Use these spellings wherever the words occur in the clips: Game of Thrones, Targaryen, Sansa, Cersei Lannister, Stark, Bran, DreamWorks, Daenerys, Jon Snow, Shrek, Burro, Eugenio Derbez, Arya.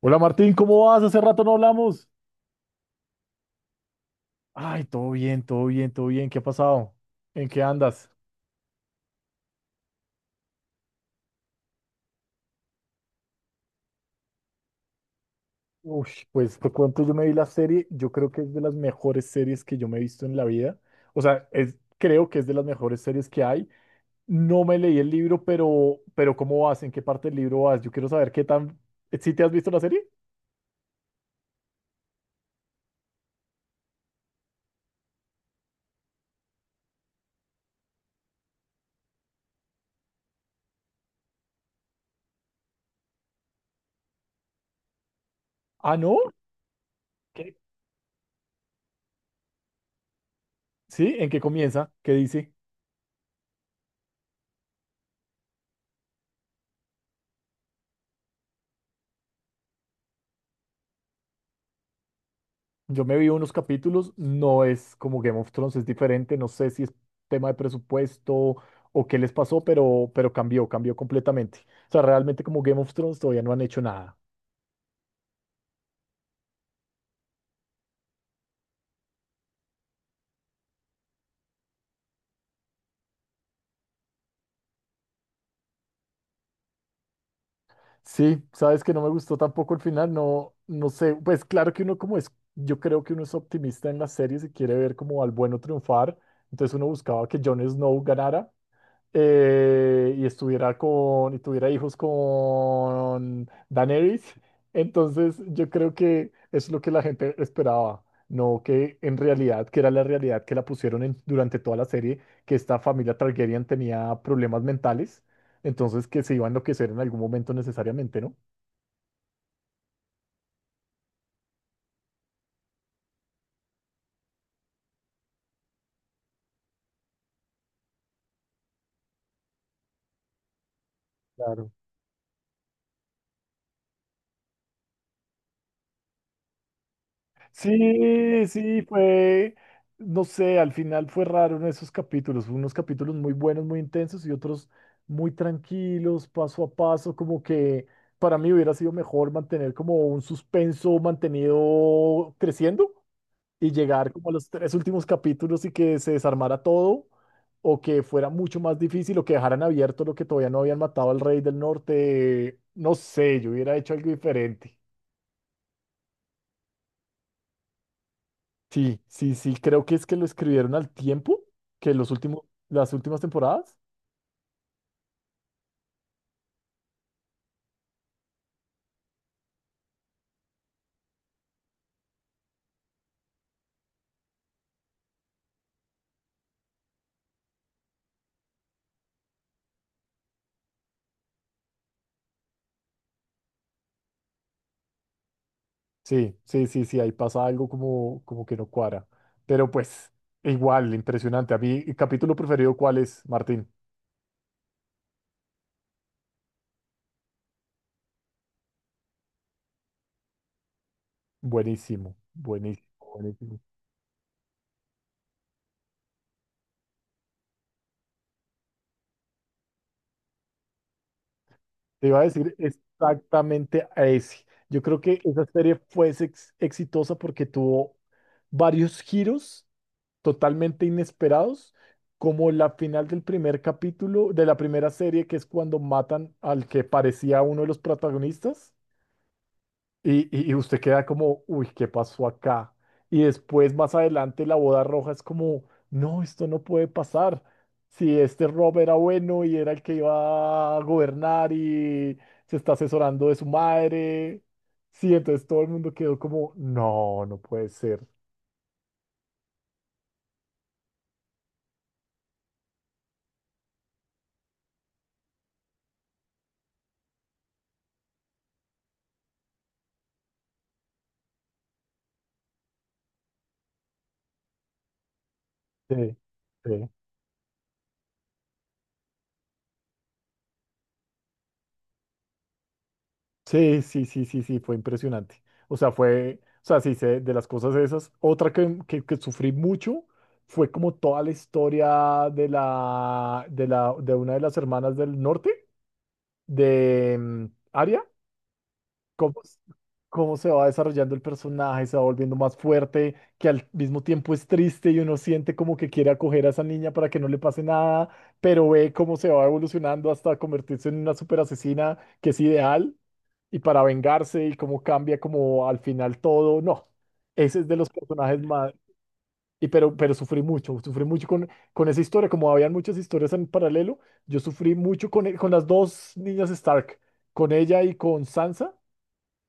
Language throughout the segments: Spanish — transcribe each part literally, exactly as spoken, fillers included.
Hola Martín, ¿cómo vas? Hace rato no hablamos. Ay, todo bien, todo bien, todo bien. ¿Qué ha pasado? ¿En qué andas? Uy, pues te cuento, yo me vi la serie, yo creo que es de las mejores series que yo me he visto en la vida. O sea, es, creo que es de las mejores series que hay. No me leí el libro, pero, pero ¿cómo vas? ¿En qué parte del libro vas? Yo quiero saber qué tan... ¿Sí te has visto la serie? Ah, ¿no? ¿Qué? ¿Sí? ¿En qué comienza? ¿Qué dice? Yo me vi unos capítulos, no es como Game of Thrones, es diferente, no sé si es tema de presupuesto o qué les pasó, pero, pero cambió, cambió completamente. O sea, realmente como Game of Thrones todavía no han hecho nada. Sí, sabes que no me gustó tampoco el final, no, no sé, pues claro que uno como es, yo creo que uno es optimista en las series y quiere ver como al bueno triunfar, entonces uno buscaba que Jon Snow ganara, eh, y estuviera con, y tuviera hijos con Daenerys. Entonces, yo creo que es lo que la gente esperaba, no que en realidad, que era la realidad que la pusieron en- durante toda la serie, que esta familia Targaryen tenía problemas mentales, entonces que se iba a enloquecer en algún momento necesariamente, ¿no? Claro. Sí, sí, fue, no sé, al final fue raro en esos capítulos, unos capítulos muy buenos, muy intensos y otros muy tranquilos, paso a paso, como que para mí hubiera sido mejor mantener como un suspenso mantenido creciendo y llegar como a los tres últimos capítulos y que se desarmara todo o que fuera mucho más difícil o que dejaran abierto lo que todavía no habían matado al rey del norte, no sé, yo hubiera hecho algo diferente. Sí, sí, sí, creo que es que lo escribieron al tiempo que los últimos, las últimas temporadas. Sí, sí, sí, sí, ahí pasa algo como, como que no cuadra. Pero pues, igual, impresionante. A mí, ¿capítulo preferido cuál es, Martín? Buenísimo, buenísimo, buenísimo. Te iba a decir exactamente a ese. Yo creo que esa serie fue ex- exitosa porque tuvo varios giros totalmente inesperados, como la final del primer capítulo de la primera serie, que es cuando matan al que parecía uno de los protagonistas. Y, y- y usted queda como, uy, ¿qué pasó acá? Y después, más adelante, la boda roja es como, no, esto no puede pasar. Si este Rob era bueno y era el que iba a gobernar y se está asesorando de su madre. Sí, entonces todo el mundo quedó como, no, no puede ser. Sí, sí. Sí, sí, sí, sí, sí, fue impresionante. O sea, fue, o sea, sí, sé de las cosas esas. Otra que, que, que sufrí mucho fue como toda la historia de la, de la, de una de las hermanas del norte, de mm, Arya, cómo, s- cómo se va desarrollando el personaje, se va volviendo más fuerte, que al mismo tiempo es triste y uno siente como que quiere acoger a esa niña para que no le pase nada, pero ve cómo se va evolucionando hasta convertirse en una super asesina que es ideal y para vengarse y cómo cambia como al final todo. No, ese es de los personajes más... Y pero, pero sufrí mucho, sufrí mucho con, con esa historia, como habían muchas historias en paralelo, yo sufrí mucho con, e- con las dos niñas Stark, con ella y con Sansa.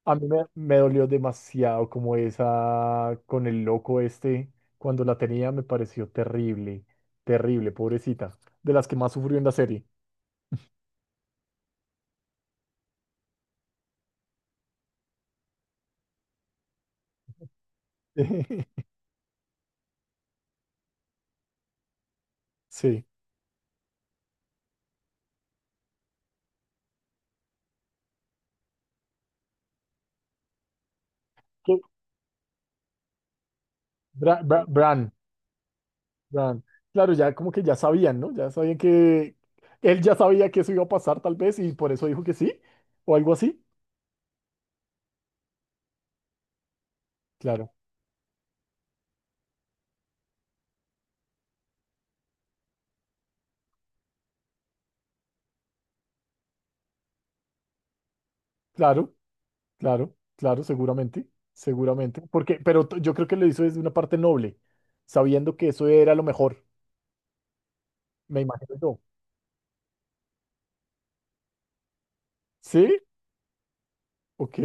A mí me, me dolió demasiado como esa, con el loco este, cuando la tenía me pareció terrible, terrible, pobrecita, de las que más sufrió en la serie. Sí. ¿Qué? Bra- Bra- Bran. Dan, claro, ya como que ya sabían, ¿no? Ya sabían que él ya sabía que eso iba a pasar tal vez y por eso dijo que sí o algo así. Claro, claro, claro, claro, seguramente, seguramente. Porque, pero t- yo creo que lo hizo desde una parte noble, sabiendo que eso era lo mejor, me imagino yo. ¿Sí? Ok,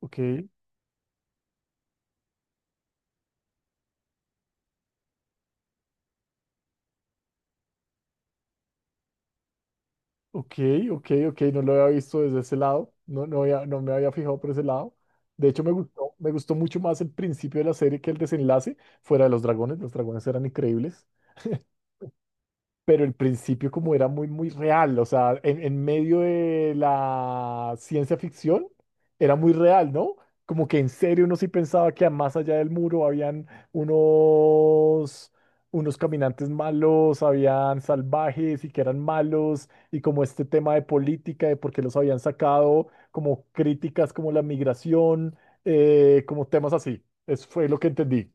ok, ok, ok, ok, no lo había visto desde ese lado, no, no había- no me había fijado por ese lado. De hecho, me gustó, me gustó mucho más el principio de la serie que el desenlace fuera de los dragones. Los dragones eran increíbles. Pero el principio como era muy, muy real, o sea, en, en medio de la ciencia ficción, era muy real, ¿no? Como que en serio uno sí pensaba que más allá del muro habían unos, unos caminantes malos, habían salvajes y que eran malos, y como este tema de política, de por qué los habían sacado, como críticas como la migración, eh, como temas así. Eso fue lo que entendí.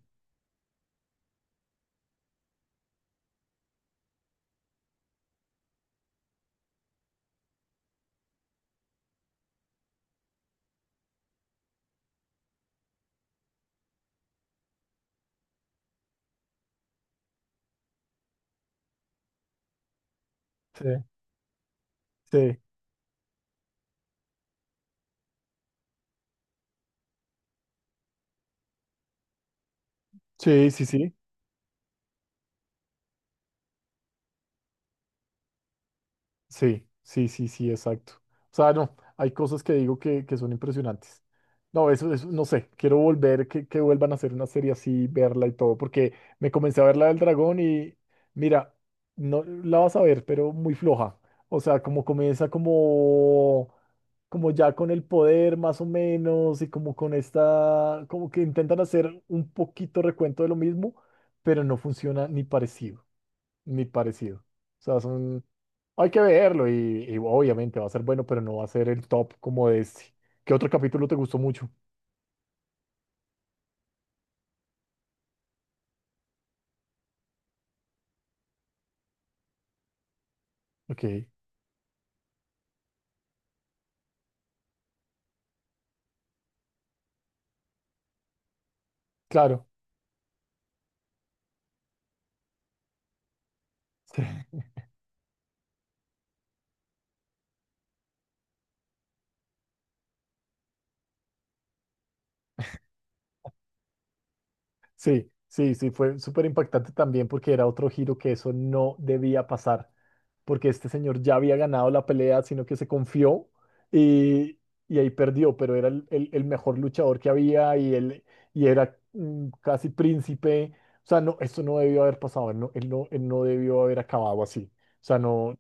Sí. Sí, sí, sí, sí. Sí, sí, sí, sí, exacto. O sea, no, hay cosas que digo que, que son impresionantes. No, eso, eso, no sé, quiero volver, que, que vuelvan a hacer una serie así, verla y todo, porque me comencé a ver la del dragón y mira, no la vas a ver, pero muy floja. O sea, como comienza como, como ya con el poder más o menos y como con esta, como que intentan hacer un poquito recuento de lo mismo, pero no funciona ni parecido ni parecido. O sea, son, hay que verlo y, y obviamente va a ser bueno, pero no va a ser el top como de este. ¿Qué otro capítulo te gustó mucho? Ok, claro. Sí, sí, sí, fue súper impactante también porque era otro giro que eso no debía pasar, porque este señor ya había ganado la pelea, sino que se confió y, y ahí perdió, pero era el, el- el mejor luchador que había y, él, y era mm, casi príncipe. O sea, no, esto no debió haber pasado, él no, él no, él no debió haber acabado así. O sea, no,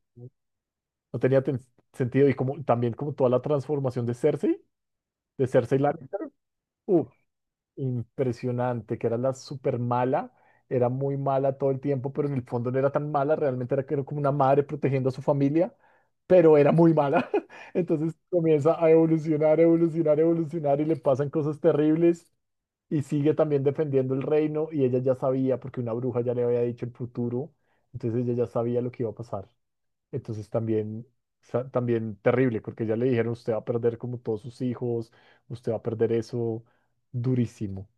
no tenía ten- sentido y como, también como toda la transformación de Cersei, de Cersei Lannister impresionante, que era la super mala, era muy mala todo el tiempo, pero en el fondo no era tan mala, realmente era, que era como una madre protegiendo a su familia, pero era muy mala. Entonces comienza a evolucionar, evolucionar, evolucionar y le pasan cosas terribles y sigue también defendiendo el reino y ella ya sabía, porque una bruja ya le había dicho el futuro, entonces ella ya sabía lo que iba a pasar. Entonces también... sa- también terrible, porque ya le dijeron, usted va a perder como todos sus hijos, usted va a perder eso, durísimo.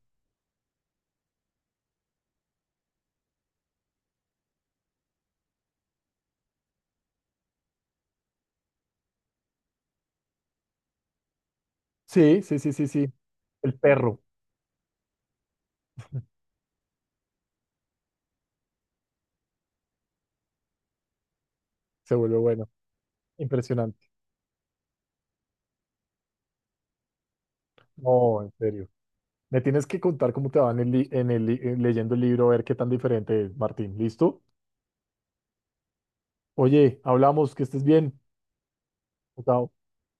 Sí, sí, sí, sí, sí. El perro se vuelve bueno. Impresionante. No, en serio. Me tienes que contar cómo te va en el, li- en el li- en leyendo el libro, a ver qué tan diferente es, Martín. ¿Listo? Oye, hablamos, que estés bien. Chao.